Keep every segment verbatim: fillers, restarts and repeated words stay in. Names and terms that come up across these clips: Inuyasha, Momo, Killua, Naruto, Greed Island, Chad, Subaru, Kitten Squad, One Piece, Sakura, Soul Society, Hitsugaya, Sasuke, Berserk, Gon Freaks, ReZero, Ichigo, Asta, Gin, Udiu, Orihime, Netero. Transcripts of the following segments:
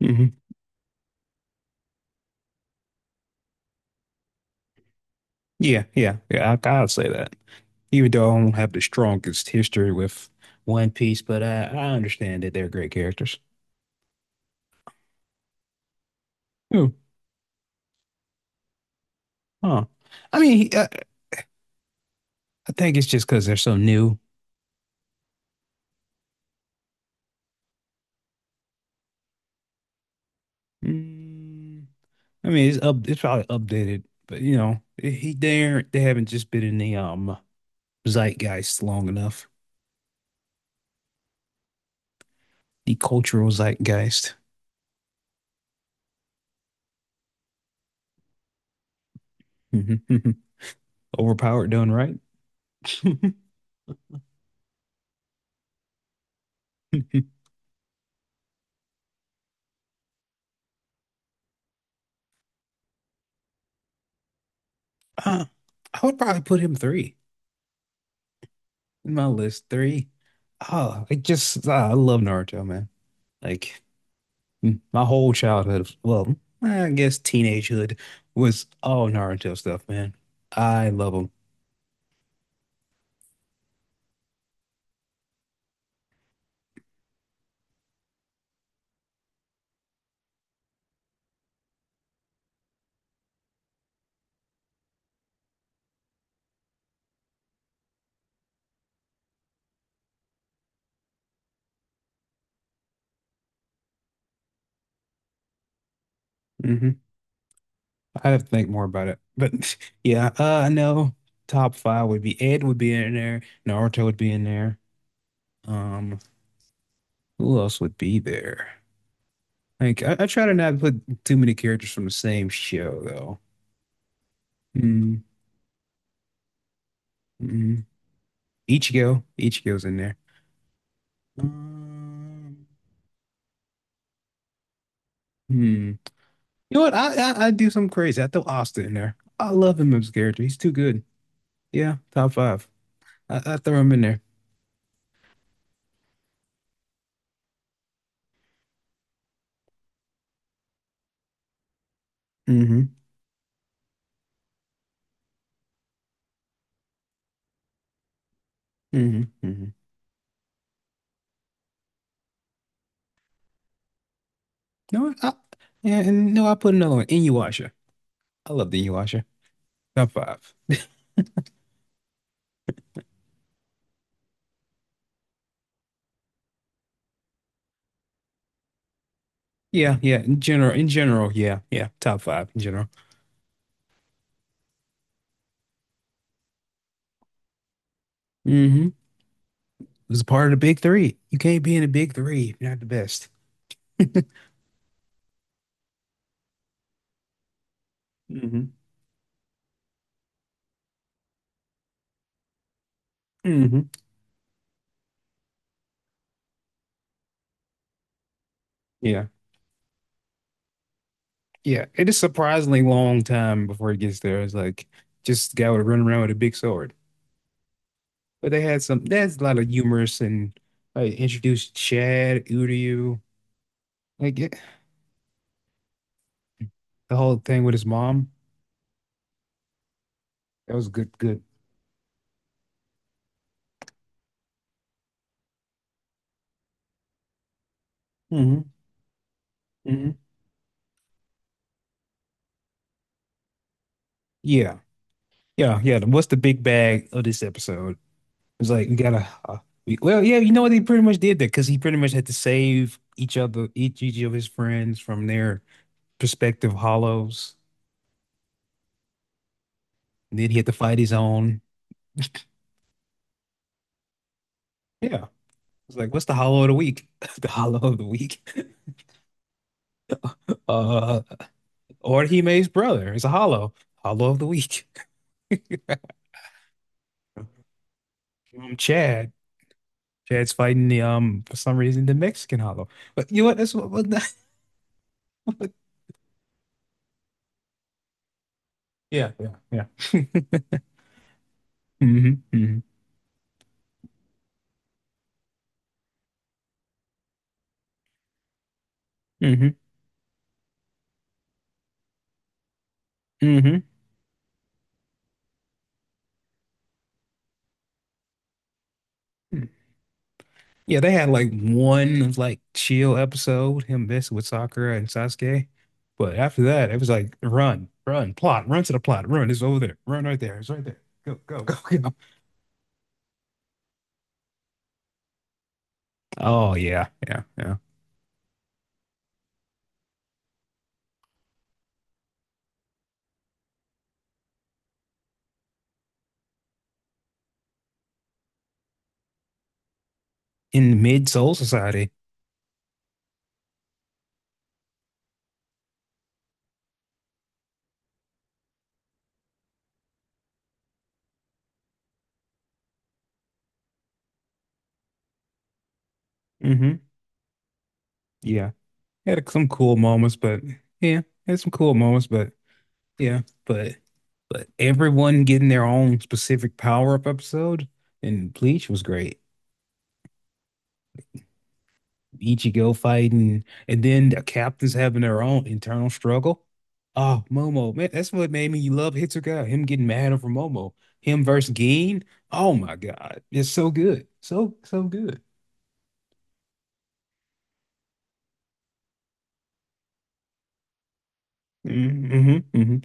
hmm Yeah, yeah, yeah. I, I'll say that. Even though I don't have the strongest history with One Piece, but I, I understand that they're great characters. Who? Huh. I mean, I, I think it's just because they're so new. Mm, I mean, it's up. It's probably updated, but you know, he there. They haven't just been in the um zeitgeist long enough. The cultural zeitgeist. Overpowered, done right. Uh, I would probably put him three. My list three. Oh, it just ah, I love Naruto, man. Like m- my whole childhood, well, I guess teenagehood was all Naruto stuff, man. I love them. Hmm. I have to think more about it, but yeah, uh, I know top five would be Ed would be in there, Naruto would be in there. Um, who else would be there? Like I, I try to not put too many characters from the same show though. Mm-hmm. Mm-hmm. Ichigo, Ichigo's in there. Um, Hmm. You know what? I, I I do something crazy. I throw Asta in there. I love him as a character. He's too good. Yeah, top five. I, I throw him in there. Mm-hmm. Mm-hmm. Mm-hmm. You know what? I, yeah, and no, I put another one. Inuyasha. I love the Inuyasha. Top five. Yeah, yeah. In general, in general, yeah, yeah. Top five in general. Mm-hmm. It was part of the big three. You can't be in the big three. If You're not the best. Mm-hmm. Mm-hmm. Yeah. Yeah. It is surprisingly long time before it gets there. It's like just a guy would run around with a big sword. But they had some, there's a lot of humorous and like introduced Chad, Udiu, like yeah, the whole thing with his mom. That was good, good. Hmm. Hmm. Yeah. Yeah. Yeah. What's the big bag of this episode? It's like, we gotta, uh, we, well, yeah, you know what? They pretty much did that because he pretty much had to save each other, each, each of his friends from their prospective hollows. And then he had to fight his own. Yeah. It's like, what's the hollow of the week? The hollow of the week. Uh, or Hime's brother. It's a hollow. Hollow of the week. Um, Chad. Chad's fighting the um for some reason the Mexican hollow. But you know what? That's what, what, what yeah, yeah, yeah. Hmm. Hmm. Hmm. Hmm. Yeah, they had like one like chill episode, him messing with Sakura and Sasuke. But after that, it was like run, run, plot, run to the plot, run. It's over there. Run right there. It's right there. Go, go, go, go. Oh yeah, yeah, yeah. In mid Soul Society. Hmm. Yeah. Had some cool moments, but yeah, had some cool moments, but yeah, but but everyone getting their own specific power-up episode in Bleach was great. Ichigo fighting, and then the captains having their own internal struggle. Oh, Momo, man, that's what made me love Hitsuga. Him getting mad over Momo, him versus Gin. Oh my God, it's so good, so so good. Mm-hmm, mm-hmm, mm-hmm.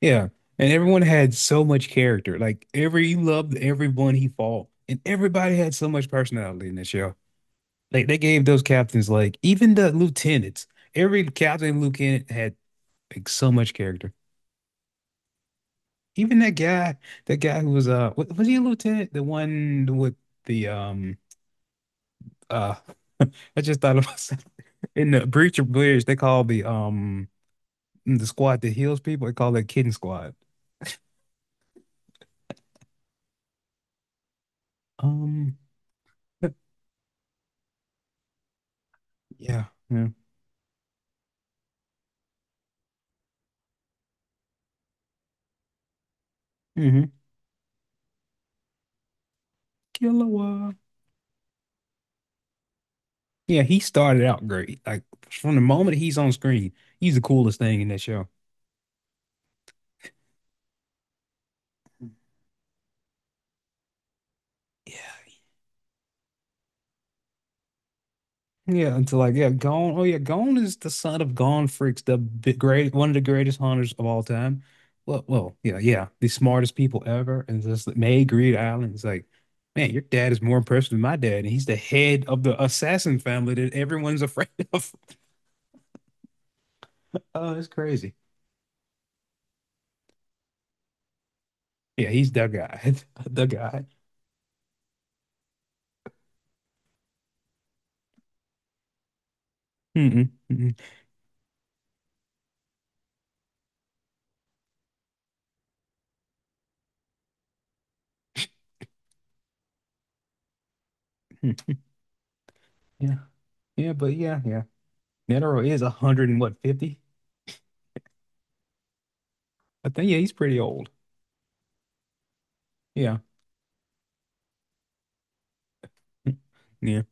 Yeah. And everyone had so much character. Like every you loved everyone he fought. And everybody had so much personality in that show. Like they gave those captains like even the lieutenants. Every captain and lieutenant had like so much character. Even that guy, that guy who was uh wa- was he a lieutenant? The one with the um uh I just thought of myself. In the Breach of Bridge, they call the um the squad that heals people, they call it Kitten Squad. Um yeah, yeah. Mm-hmm. Killua. Yeah, he started out great. Like from the moment he's on screen, he's the coolest thing in that show. Yeah, yeah. Until like, yeah, Gon. Oh yeah, Gon is the son of Gon Freaks, the big, great one of the greatest hunters of all time. Well, well, yeah, yeah, the smartest people ever, and just like, made Greed Island. It's like, man, your dad is more impressive than my dad, and he's the head of the assassin family that everyone's afraid of. Oh, it's crazy. Yeah, he's the guy, the guy. Mm-mm, mm-mm. Mm. Yeah, yeah, but yeah, yeah. Netero is a hundred and what, fifty? I think yeah, he's pretty old. Yeah, yeah,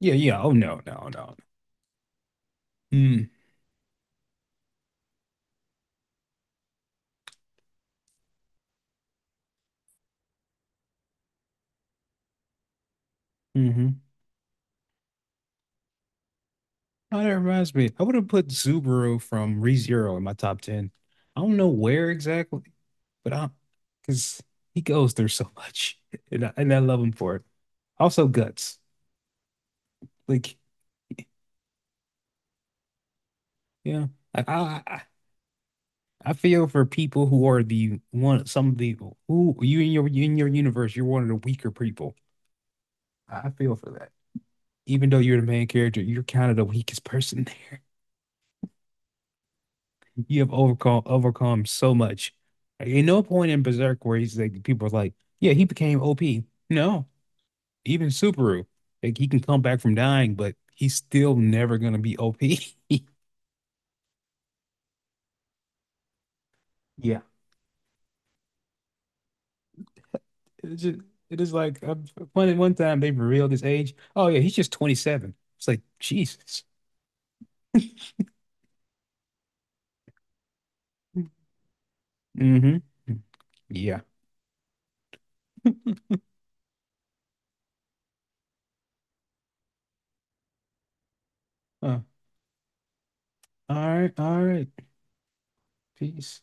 yeah, yeah. Oh no, no, no. Mm. Mm-hmm. Oh, that reminds me. I would have put Subaru from ReZero in my top ten. I don't know where exactly, but I, because he goes through so much, and I, and I love him for it. Also, guts. Like, yeah, I, I, I I feel for people who are the one. Some of the who you in your in your universe, you're one of the weaker people. I I feel for that. Even though you're the main character, you're kind of the weakest person there. You have overcome overcome so much. Like, at no point in Berserk where he's like people are like, yeah, he became O P. No, even Subaru, like he can come back from dying, but he's still never gonna be O P. Yeah, it's just it is like uh, one one time they revealed his age. Oh yeah, he's just twenty-seven. It's like Jesus. Mm-hmm. Yeah. Uh, all right, all right. Peace.